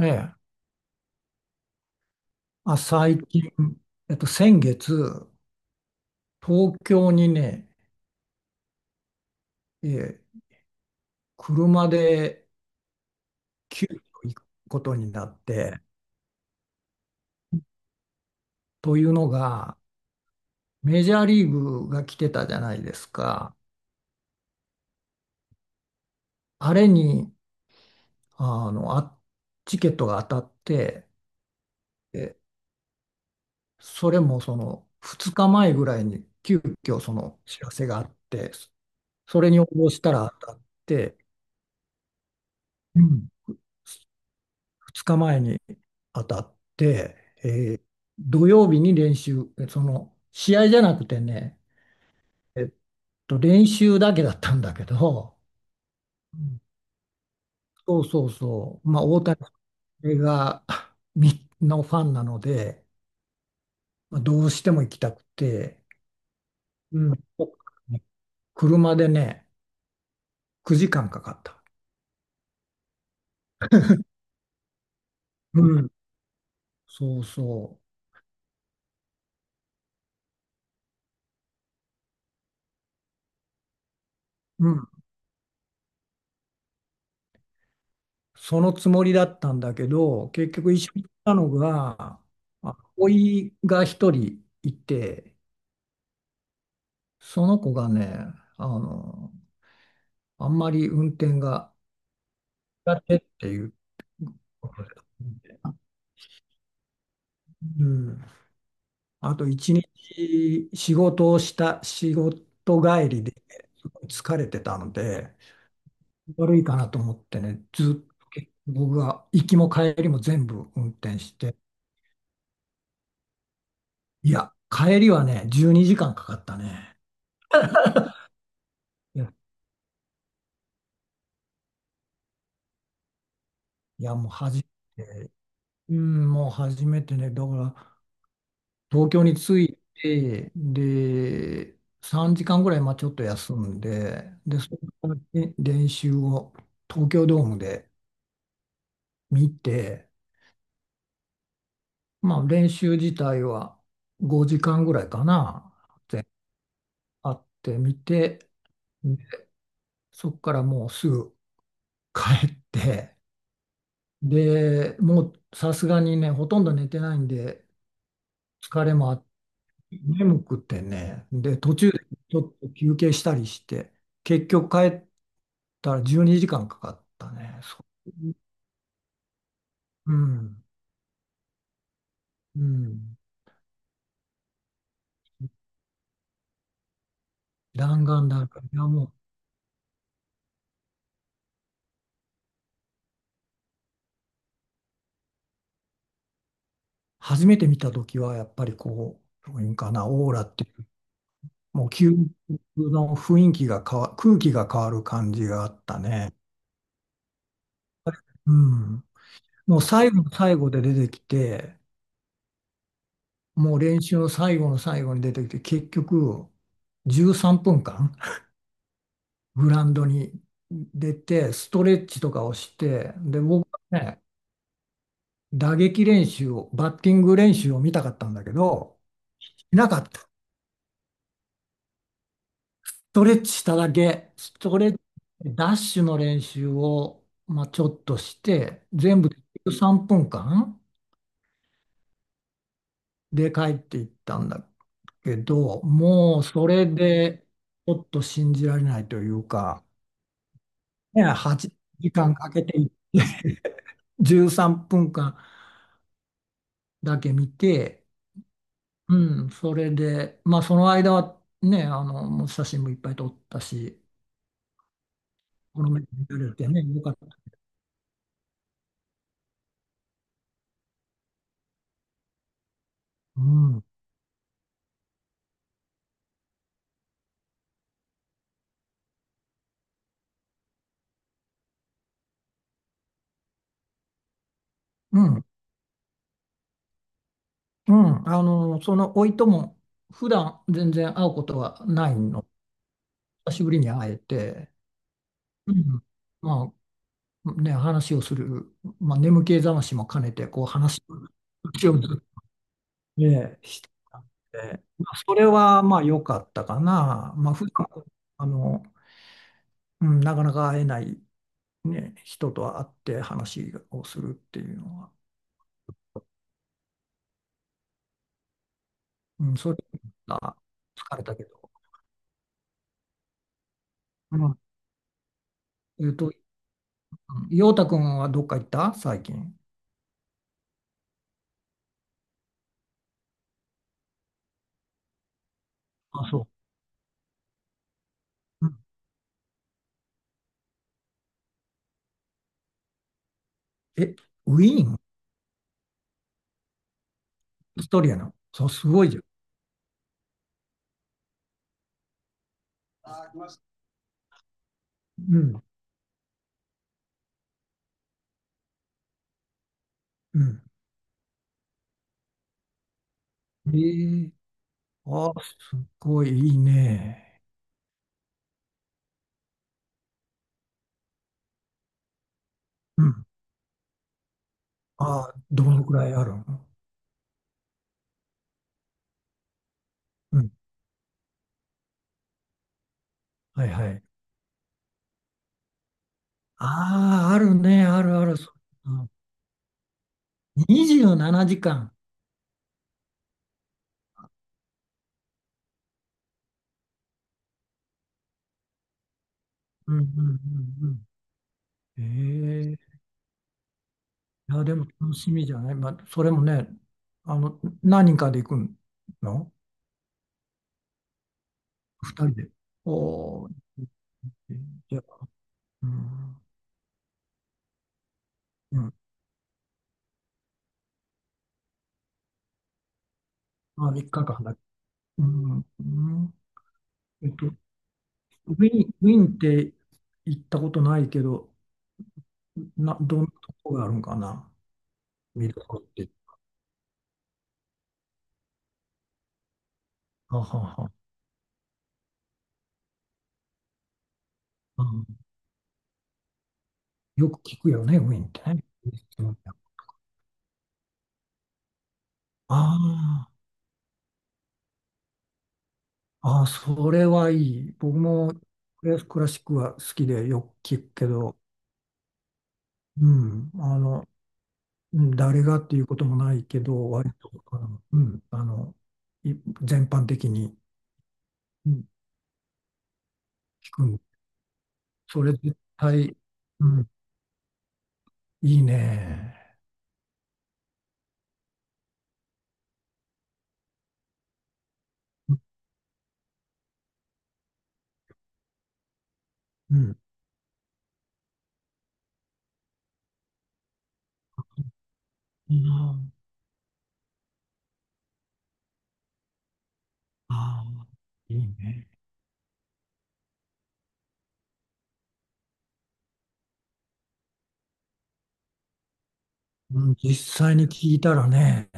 ええ、あ、最近、先月、東京にね、ええ、車で急遽行くことになって、というのが、メジャーリーグが来てたじゃないですか。あれに、あの、あ、チケットが当たって、え、それもその2日前ぐらいに急遽その知らせがあって、それに応募したら当たって、うん、2日前に当たって、えー土曜日に練習、その試合じゃなくてね、えっ練習だけだったんだけど、うん、そうそうそう、まあ、大谷がみのファンなので、まあ、どうしても行きたくて、うん、車でね、9時間かかった。うん。そうそう。うん。そのつもりだったんだけど、結局一緒に行ったのが、あおいが一人いて、その子がね、あの、あんまり運転が苦手っていうことで、うん、あと一日仕事をした、仕事帰りで疲れてたので、悪いかなと思ってね、ずっと僕が行きも帰りも全部運転して、いや、帰りはね、12時間かんかかったね。いや、もう初めて、だから、東京に着いて、で、3時間ぐらい、まあちょっと休んで、で、そこからね練習を東京ドームで見て、まあ練習自体は5時間ぐらいかな、であってみて、でそこからもうすぐ帰って、で、もうさすがにね、ほとんど寝てないんで、疲れもあっ眠くてね、で、途中でちょっと休憩したりして、結局帰ったら12時間かんかかったね。そう、うん、うん。弾丸だから、いやもう、初めて見た時は、やっぱりどういうんかな、オーラっていう、もう究極の雰囲気が変わ、空気が変わる感じがあったね。うん。もう最後の最後で出てきて、もう練習の最後の最後に出てきて、結局、13分間グラウンドに出て、ストレッチとかをして、で、僕はね、打撃練習を、バッティング練習を見たかったんだけど、しなかった。ストレッチしただけ、ストレッチ、ダッシュの練習を、まあ、ちょっとして、全部で3分間で帰っていったんだけど、もうそれで、ちょっと信じられないというか、ね、8時間かんかけて行って、13分間だけ見て、うん、それで、まあその間はね、あの、もう写真もいっぱい撮ったし、この目で見られてね、よかった。うん、うん、うん、あの、その甥いとも、普段全然会うことはないの。久しぶりに会えて、うん、まあね、話をする、まあ眠気覚ましも兼ねて、こう話を、ね、してたんで、まあ、それはまあ良かったかな。まあ普段、あの、うん、なかなか会えない。ね、人と会って話をするっていうのは、うん、それが疲れたけど。うん、えっと、陽太くんはどっか行った最近。あ、そう。うん、え、ウィーン、オーストリアの。そう、すごいじゃん。うん、うん。ええ、あ、すごいいいね。うん。あ、どのくらいあるの。うん。はいはい。ああ、あるね、あるある。そう、うん、27時間。うんうんうんうん。ええ、いや、でも楽しみじゃない。まあ、それもね、あの、何人かで行くの二人で。おー、じゃあ、うん、うん、まあ、三日間だ。うん、うん、えっと、ウィーン、ウィーンって行ったことないけど、な、どんなとこがあるんかな、見るとこって。あはは、うん、よく聞くよね、ウィーンってね。ああ、ああ、それはいい。僕もクラシックは好きでよく聞くけど、うん、あの、うん誰がっていうこともないけど、割と、い全般的に、うん、聞くん。それ絶対、うん、いいね。うん、いいな。ああ、いいね。うん、実際に聞いたらね、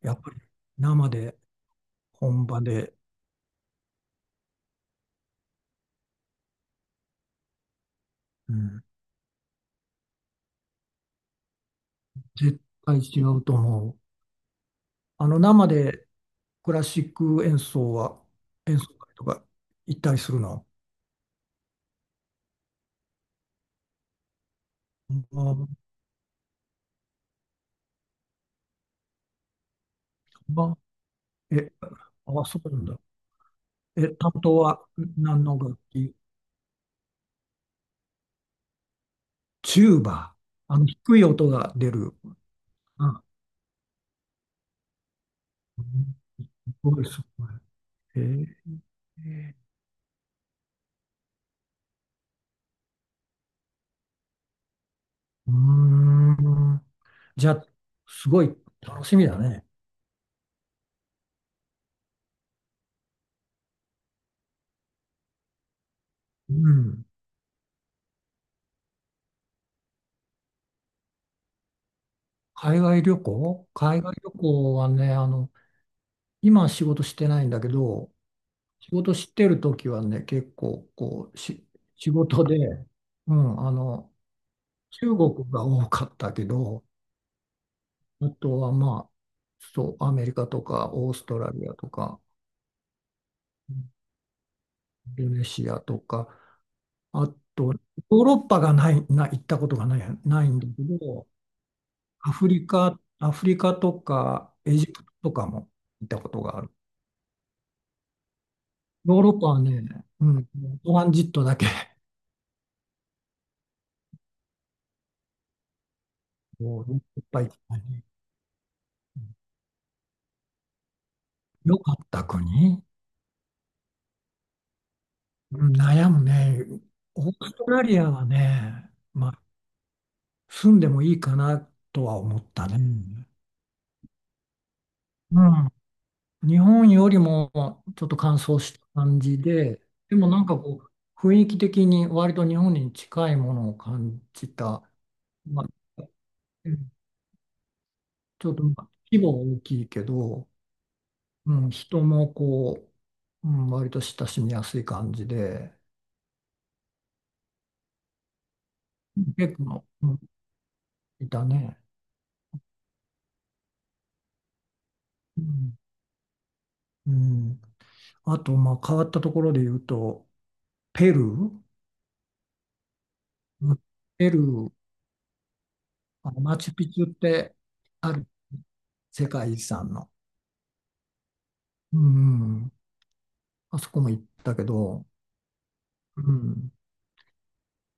やっぱり生で、本場で、うん、絶対違うと思う。あの、生でクラシック演奏は、演奏会とか行ったりするの。ああ、まあ、え、あ、そうなんだ。え、担当は何の楽器。チューバー。あの、低い音が出る。あ、うん、すごい、すごい。えー、うーん。じゃあ、すごい楽しみだね。うん。海外旅行はね、あの、今は仕事してないんだけど、仕事してる時はね、結構、こう、し、仕事で、うん、あの、中国が多かったけど、あとはまあ、そう、アメリカとか、オーストラリアとか、インドネシアとか、あと、ヨーロッパがない、な、行ったことがない、ないんだけど、アフリカとか、エジプトとかも行ったことがある。ヨーロッパはね、うん、トランジットだけ、もういっぱい行ったね。よかった国、うん悩むね。オーストラリアはね、まあ、住んでもいいかなとは思ったね。うん。日本よりもちょっと乾燥した感じで、でもなんかこう、雰囲気的に割と日本に近いものを感じた。まあ、うん、ちょっとまあ規模は大きいけど、うん、人もこう、うん、割と親しみやすい感じで、結構、うん、いたね。うん、うん、あと、まあ、変わったところで言うと、ペルー、うん、ペルー、あのマチュピチュってある世界遺産の。うん、あそこも行ったけど、うん、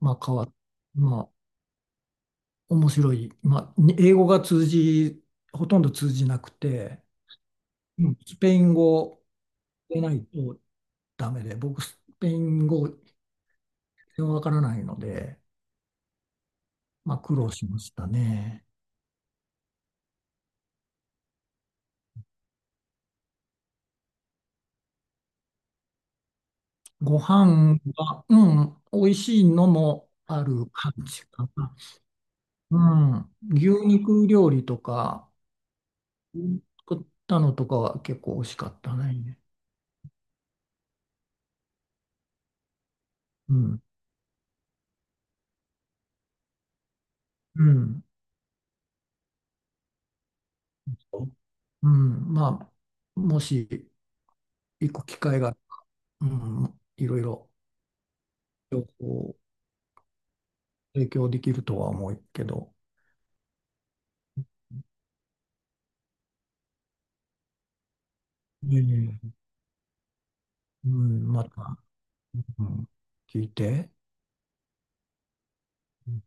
まあ変わっ、まあ面白い、まあに英語が通じ、ほとんど通じなくて、うん。スペイン語でないとダメで、僕スペイン語全然わからないので、まあ苦労しましたね。ご飯が、うん、美味しいのもある感じかな。うん、牛肉料理とか、作ったのとかは結構美味しかったね。うん。うん。うん、まあ、もし行く機会が、うん、いろいろこう提供できるとは思うけど、うん。うん、また、うん、聞いて。うん